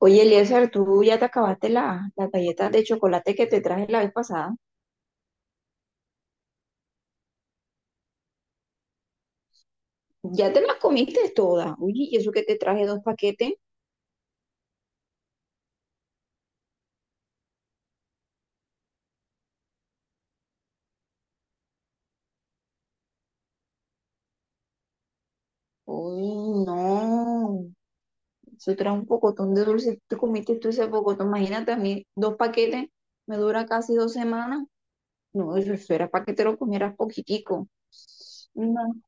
Oye, Eliezer, tú ya te acabaste las galletas de chocolate que te traje la vez pasada. Ya te las comiste todas. Uy, ¿y eso que te traje dos paquetes? Uy, no. Eso trae un pocotón de dulce. Tú comiste tú ese pocotón. Imagínate a mí, dos paquetes me dura casi dos semanas. No, eso era para que te lo comieras poquitico. No,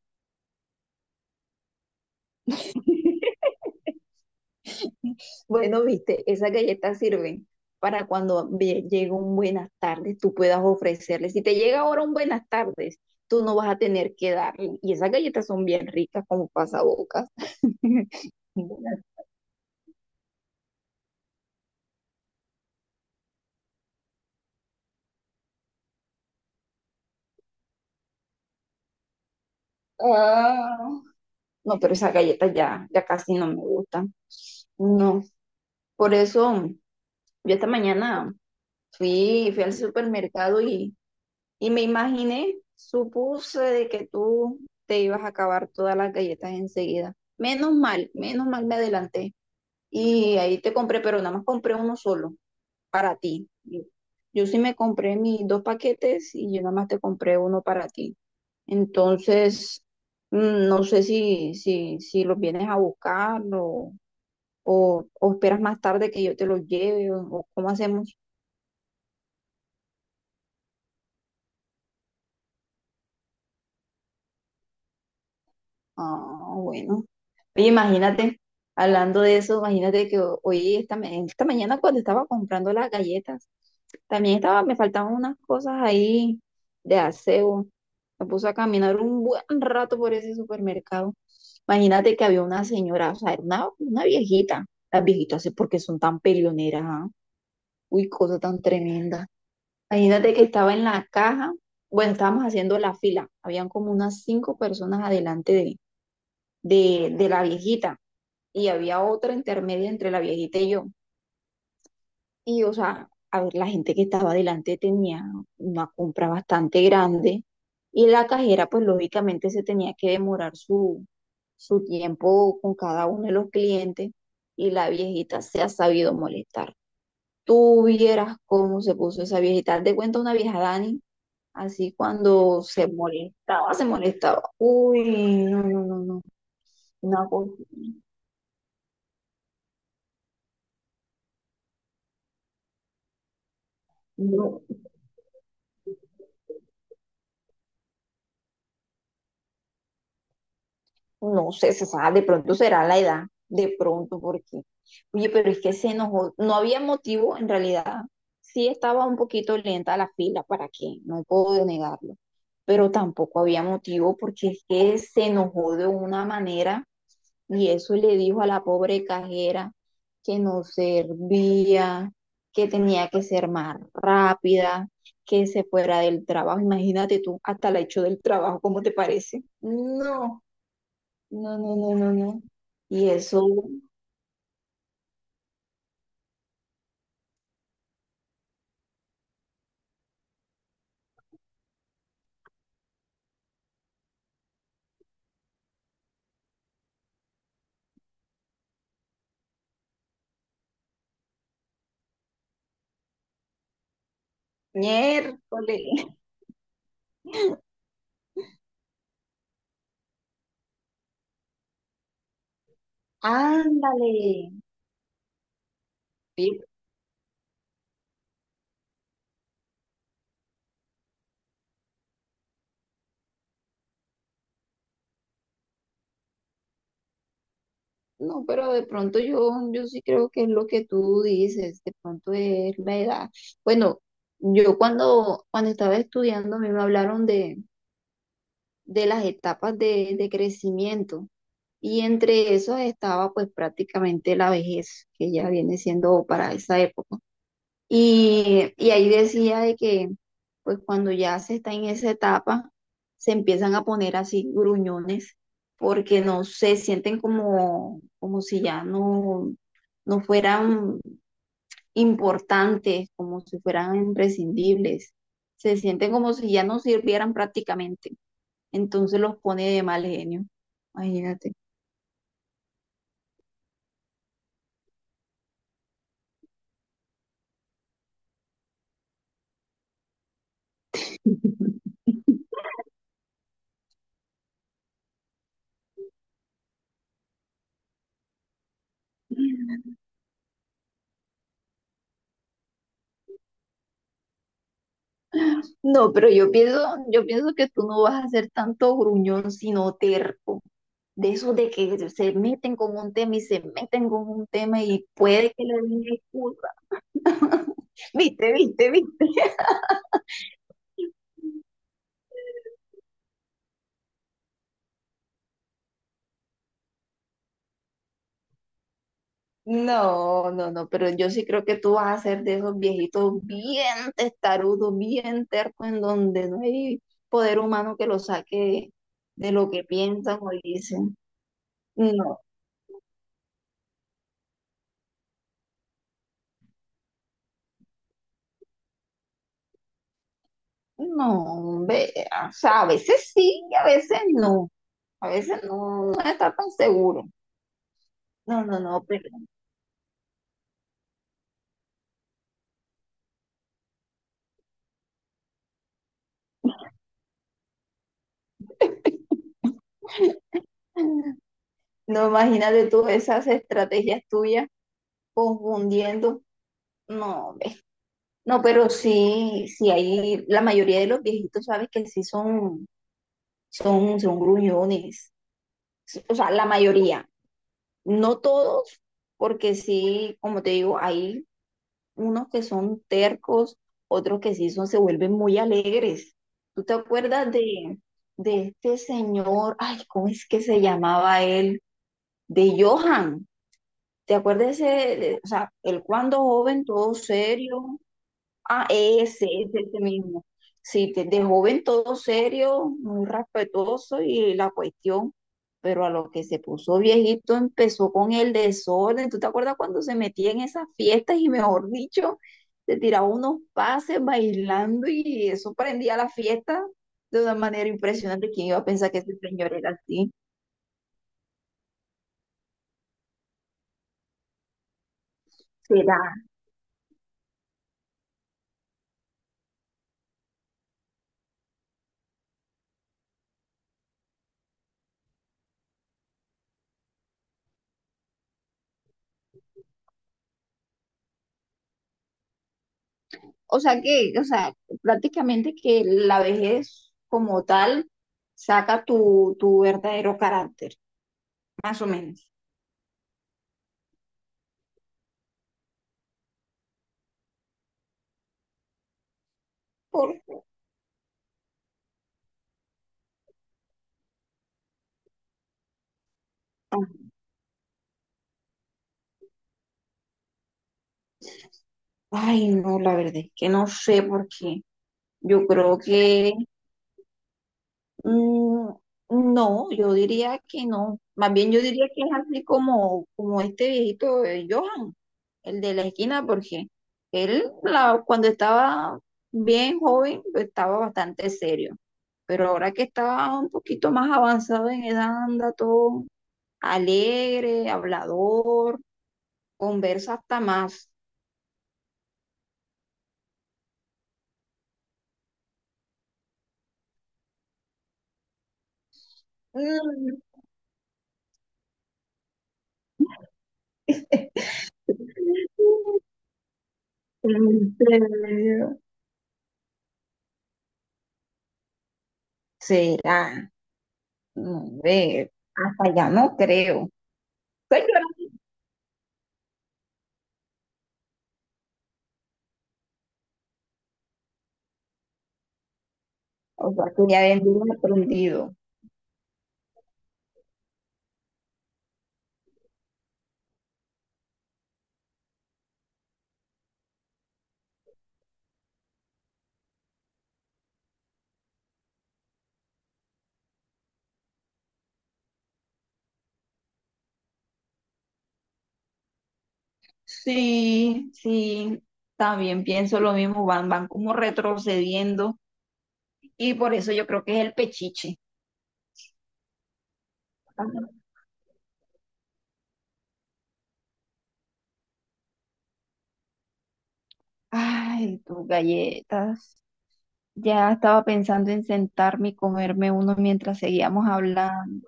bueno, viste, esas galletas sirven para cuando llegue un buenas tardes, tú puedas ofrecerle. Si te llega ahora un buenas tardes, tú no vas a tener que darle. Y esas galletas son bien ricas como pasabocas. Buenas- Ah. No, pero esas galletas ya, ya casi no me gustan. No, por eso yo esta mañana fui al supermercado. Y me imaginé, supuse de que tú te ibas a acabar todas las galletas enseguida. Menos mal me adelanté. Y ahí te compré, pero nada más compré uno solo para ti. Y yo sí me compré mis dos paquetes y yo nada más te compré uno para ti. Entonces, no sé si los vienes a buscar o esperas más tarde que yo te los lleve o cómo hacemos. Ah, bueno. Oye, imagínate, hablando de eso, imagínate que hoy, esta mañana cuando estaba comprando las galletas, también estaba, me faltaban unas cosas ahí de aseo. Me puse a caminar un buen rato por ese supermercado. Imagínate que había una señora, o sea, era una viejita. Las viejitas, sí, porque son tan peleoneras? ¿Ah? Uy, cosa tan tremenda. Imagínate que estaba en la caja, bueno, estábamos haciendo la fila, habían como unas cinco personas adelante de la viejita y había otra intermedia entre la viejita y yo. Y, o sea, a ver, la gente que estaba adelante tenía una compra bastante grande y la cajera, pues lógicamente se tenía que demorar su, su tiempo con cada uno de los clientes y la viejita se ha sabido molestar. Tú vieras cómo se puso esa viejita. Haz de cuenta una vieja Dani, así cuando se molestaba, se molestaba. Uy, no, no, no, no. Una cosa, no. No sé, se sabe, de pronto será la edad, de pronto, porque, oye, pero es que se enojó, no había motivo, en realidad, sí estaba un poquito lenta la fila, ¿para qué? No puedo negarlo, pero tampoco había motivo porque es que se enojó de una manera y eso le dijo a la pobre cajera que no servía, que tenía que ser más rápida, que se fuera del trabajo, imagínate tú, hasta la hecho del trabajo, ¿cómo te parece? No. No, no, no, no, no. Y eso, miércoles. Ándale. Sí, no, pero de pronto yo, yo sí creo que es lo que tú dices, de pronto es la edad. Bueno, yo cuando, cuando estaba estudiando, a mí me hablaron de las etapas de crecimiento y entre esas estaba pues prácticamente la vejez, que ya viene siendo para esa época. Y ahí decía de que, pues cuando ya se está en esa etapa, se empiezan a poner así gruñones, porque no se sienten como, como si ya no, no fueran importantes, como si fueran imprescindibles. Se sienten como si ya no sirvieran prácticamente. Entonces los pone de mal genio. Imagínate. No, pero yo pienso que tú no vas a ser tanto gruñón, sino terco. De esos de que se meten con un tema y se meten con un tema y puede que le den excusa. Viste, viste, viste. No, no, no, pero yo sí creo que tú vas a ser de esos viejitos bien testarudos, bien tercos, en donde no hay poder humano que lo saque de lo que piensan o dicen. No, no, ve, o sea, a veces sí y a veces no. A veces no, no está tan seguro. No, no, no, pero no, imagínate tú esas estrategias tuyas confundiendo. No, hombre. No, pero sí, sí hay, la mayoría de los viejitos, sabes que sí son, son gruñones. Sí, o sea, la mayoría. No todos, porque sí, como te digo, hay unos que son tercos, otros que sí son, se vuelven muy alegres. ¿Tú te acuerdas de este señor? Ay, ¿cómo es que se llamaba él? De Johan. ¿Te acuerdas ese, o sea, el cuando joven todo serio? Ah, ese mismo. Sí, de joven todo serio, muy respetuoso y la cuestión, pero a lo que se puso viejito empezó con el desorden. ¿Tú te acuerdas cuando se metía en esas fiestas y mejor dicho, se tiraba unos pases bailando y eso prendía la fiesta de una manera impresionante? ¿Quién iba a pensar que ese señor era así? ¿Será? O sea que, o sea, prácticamente que la vejez como tal saca tu verdadero carácter, más o menos. Por- Ay, no, la verdad es que no sé por qué. Yo creo que mm, no, yo diría que no. Más bien yo diría que es así como, como este viejito de Johan, el de la esquina, porque él cuando estaba bien joven pues, estaba bastante serio, pero ahora que estaba un poquito más avanzado en edad anda todo alegre, hablador, conversa hasta más. Mm, ¿en serio? ¿Será? No, ve, hasta ya no creo. Señora. O sea, que ya vendría aprendido. Sí, sí, también pienso lo mismo, van, van como retrocediendo y por eso yo creo que es el pechiche. Ay, tus galletas. Ya estaba pensando en sentarme y comerme uno mientras seguíamos hablando.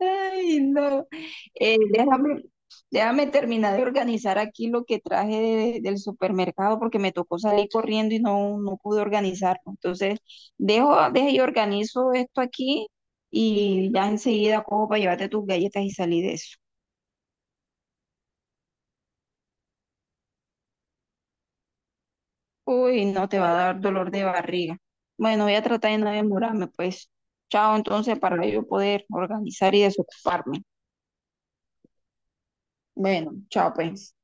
Ay, no. Déjame, déjame terminar de organizar aquí lo que traje del supermercado porque me tocó salir corriendo y no, no pude organizarlo. Entonces, dejo y organizo esto aquí y ya enseguida cojo para llevarte tus galletas y salir de eso. Uy, no te va a dar dolor de barriga. Bueno, voy a tratar de no demorarme, pues. Chao, entonces, para yo poder organizar y desocuparme. Bueno, chao, pues.